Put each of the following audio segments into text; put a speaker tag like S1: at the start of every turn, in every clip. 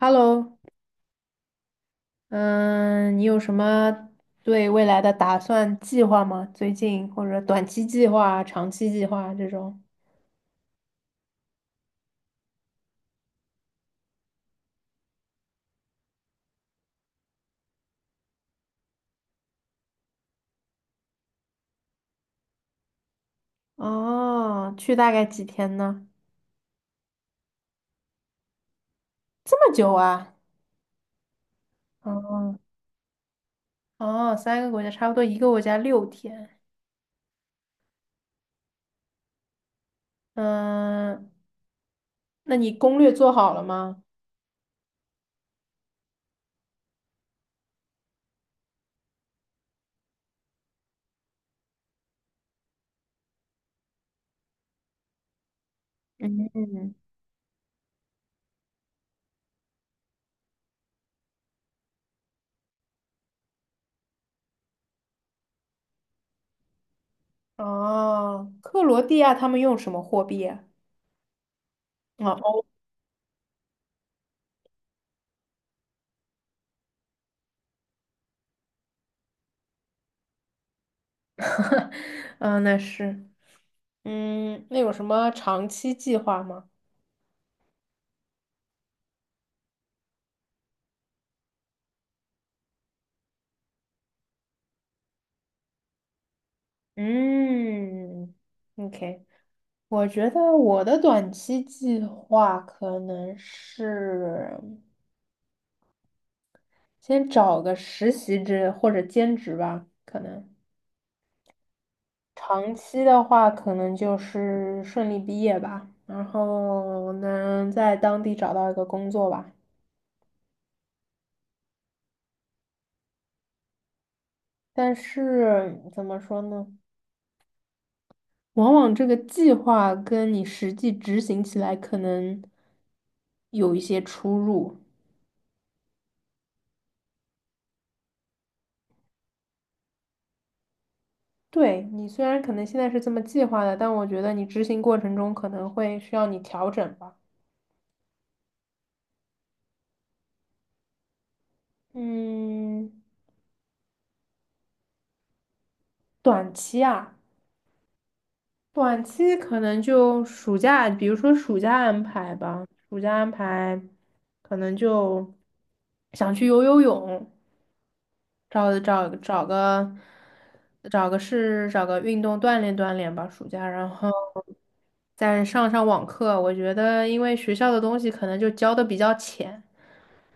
S1: Hello.嗯，你有什么对未来的打算计划吗？最近或者短期计划、长期计划这种？哦，去大概几天呢？这么久啊？哦哦，三个国家，差不多一个国家六天。嗯，那你攻略做好了吗？嗯。哦，克罗地亚他们用什么货币啊？哦，欧。嗯，那是。嗯，那有什么长期计划吗？嗯，OK，我觉得我的短期计划可能是先找个实习制或者兼职吧，可能长期的话可能就是顺利毕业吧，然后能在当地找到一个工作吧。但是怎么说呢？往往这个计划跟你实际执行起来可能有一些出入。对，你虽然可能现在是这么计划的，但我觉得你执行过程中可能会需要你调整吧。嗯，短期啊，短期可能就暑假，比如说暑假安排吧，暑假安排可能就想去游游泳，找个找个事，找个运动锻炼锻炼吧，暑假，然后再上上网课。我觉得，因为学校的东西可能就教的比较浅，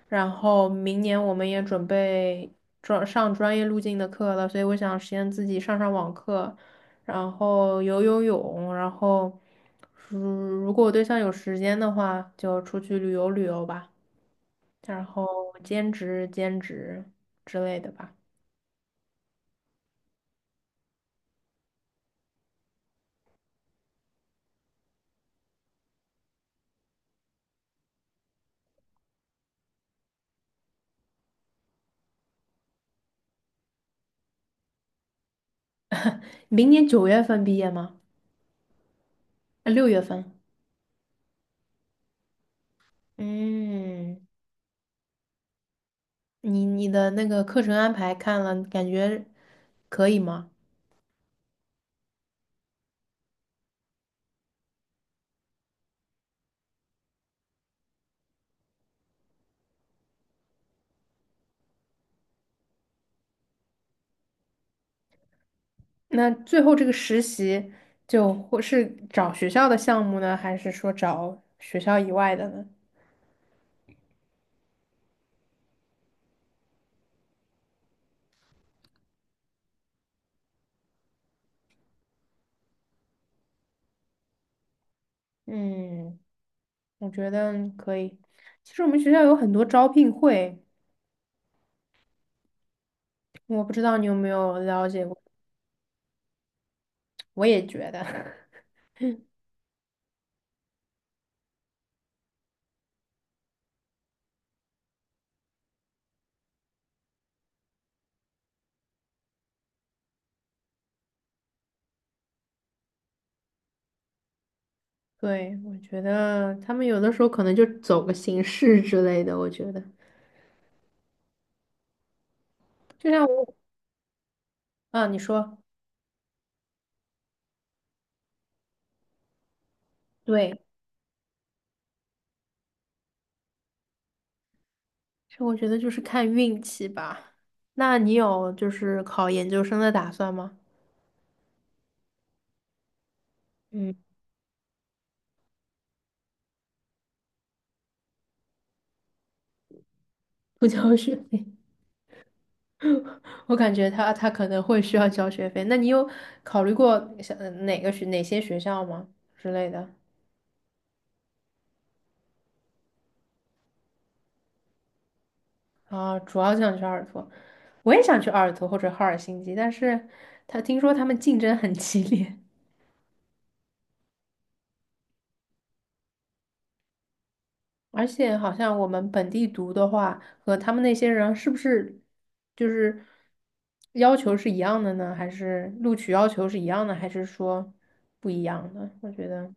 S1: 然后明年我们也准备专上专业路径的课了，所以我想先自己上上网课，然后游游泳，然后如果我对象有时间的话，就出去旅游旅游吧，然后兼职兼职之类的吧。明年九月份毕业吗？啊，六月份。嗯，你的那个课程安排看了，感觉可以吗？那最后这个实习就或是找学校的项目呢，还是说找学校以外的呢？嗯，我觉得可以。其实我们学校有很多招聘会，我不知道你有没有了解过。我也觉得。对，我觉得他们有的时候可能就走个形式之类的。我觉得，就像我，啊，你说。对，所以我觉得就是看运气吧。那你有就是考研究生的打算吗？嗯。不交学费。我感觉他可能会需要交学费。那你有考虑过想哪个学哪些学校吗之类的？啊，主要想去阿尔托，我也想去阿尔托或者赫尔辛基，但是他听说他们竞争很激烈。而且好像我们本地读的话，和他们那些人是不是就是要求是一样的呢？还是录取要求是一样的？还是说不一样的？我觉得，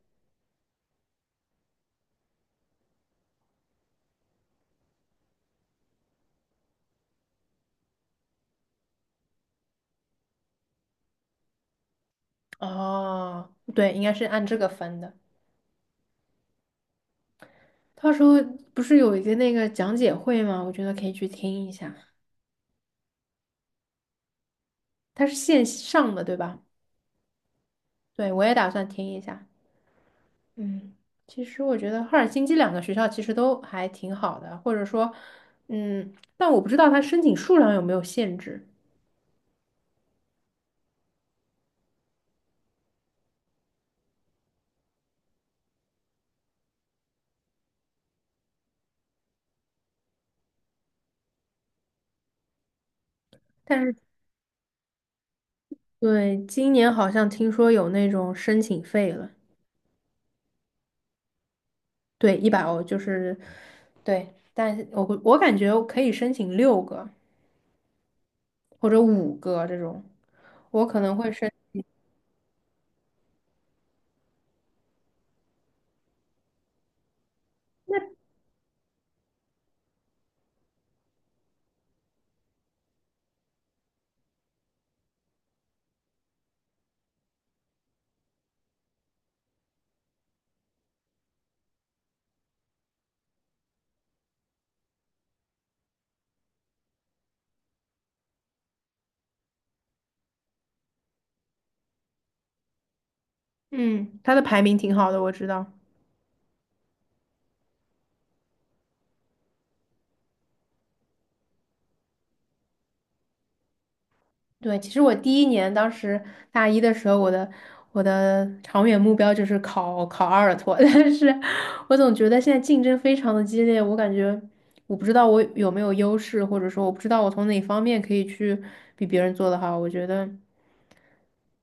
S1: 哦，对，应该是按这个分的。到时候不是有一个那个讲解会吗？我觉得可以去听一下，它是线上的，对吧？对，我也打算听一下。嗯，其实我觉得赫尔辛基两个学校其实都还挺好的，或者说，嗯，但我不知道它申请数量有没有限制。但是，对，今年好像听说有那种申请费了。对，一百欧就是。对，但是我感觉我可以申请六个或者五个这种，我可能会申。嗯，他的排名挺好的，我知道。对，其实我第一年当时大一的时候，我的长远目标就是考考阿尔托。但是我总觉得现在竞争非常的激烈，我感觉我不知道我有没有优势，或者说我不知道我从哪方面可以去比别人做得好。我觉得，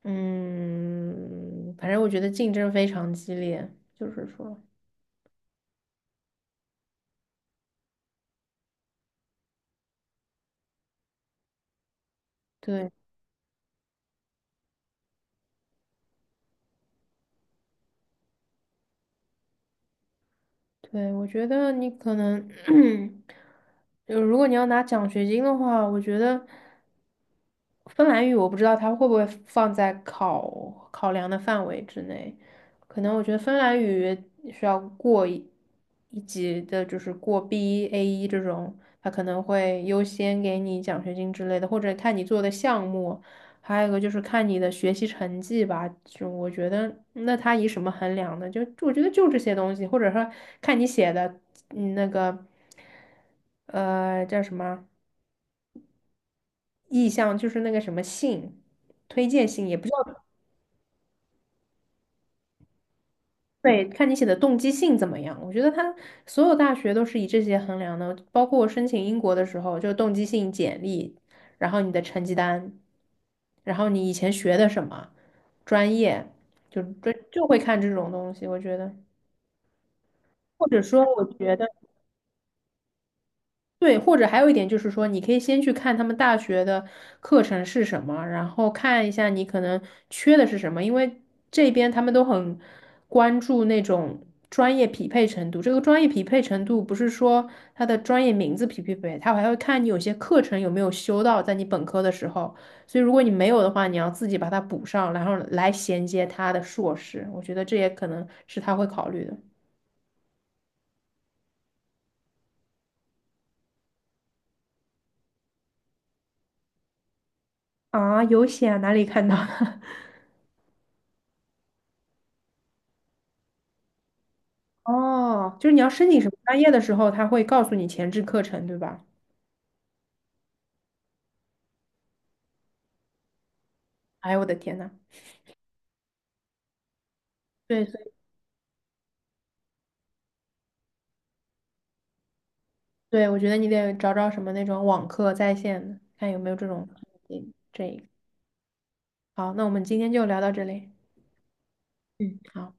S1: 嗯，反正我觉得竞争非常激烈，就是说，对。对，我觉得你可能，就如果你要拿奖学金的话，我觉得芬兰语我不知道它会不会放在考考量的范围之内，可能我觉得芬兰语需要过一级的，就是过 B1、a 一这种，它可能会优先给你奖学金之类的，或者看你做的项目，还有一个就是看你的学习成绩吧，就我觉得那他以什么衡量呢？就我觉得就这些东西，或者说看你写的那个叫什么啊意向，就是那个什么信，推荐信也不对，看你写的动机性怎么样。我觉得他所有大学都是以这些衡量的，包括我申请英国的时候，就动机性简历，然后你的成绩单，然后你以前学的什么专业，就会看这种东西。我觉得，或者说，我觉得。对，或者还有一点就是说，你可以先去看他们大学的课程是什么，然后看一下你可能缺的是什么，因为这边他们都很关注那种专业匹配程度。这个专业匹配程度不是说他的专业名字匹不匹配，他还会看你有些课程有没有修到，在你本科的时候。所以如果你没有的话，你要自己把它补上，然后来衔接他的硕士。我觉得这也可能是他会考虑的。啊，有写啊哪里看到的？哦，就是你要申请什么专业的时候，他会告诉你前置课程，对吧？哎呦，我的天呐！对，所以对，我觉得你得找找什么那种网课在线的，看有没有这种。这这，好，那我们今天就聊到这里。嗯，好。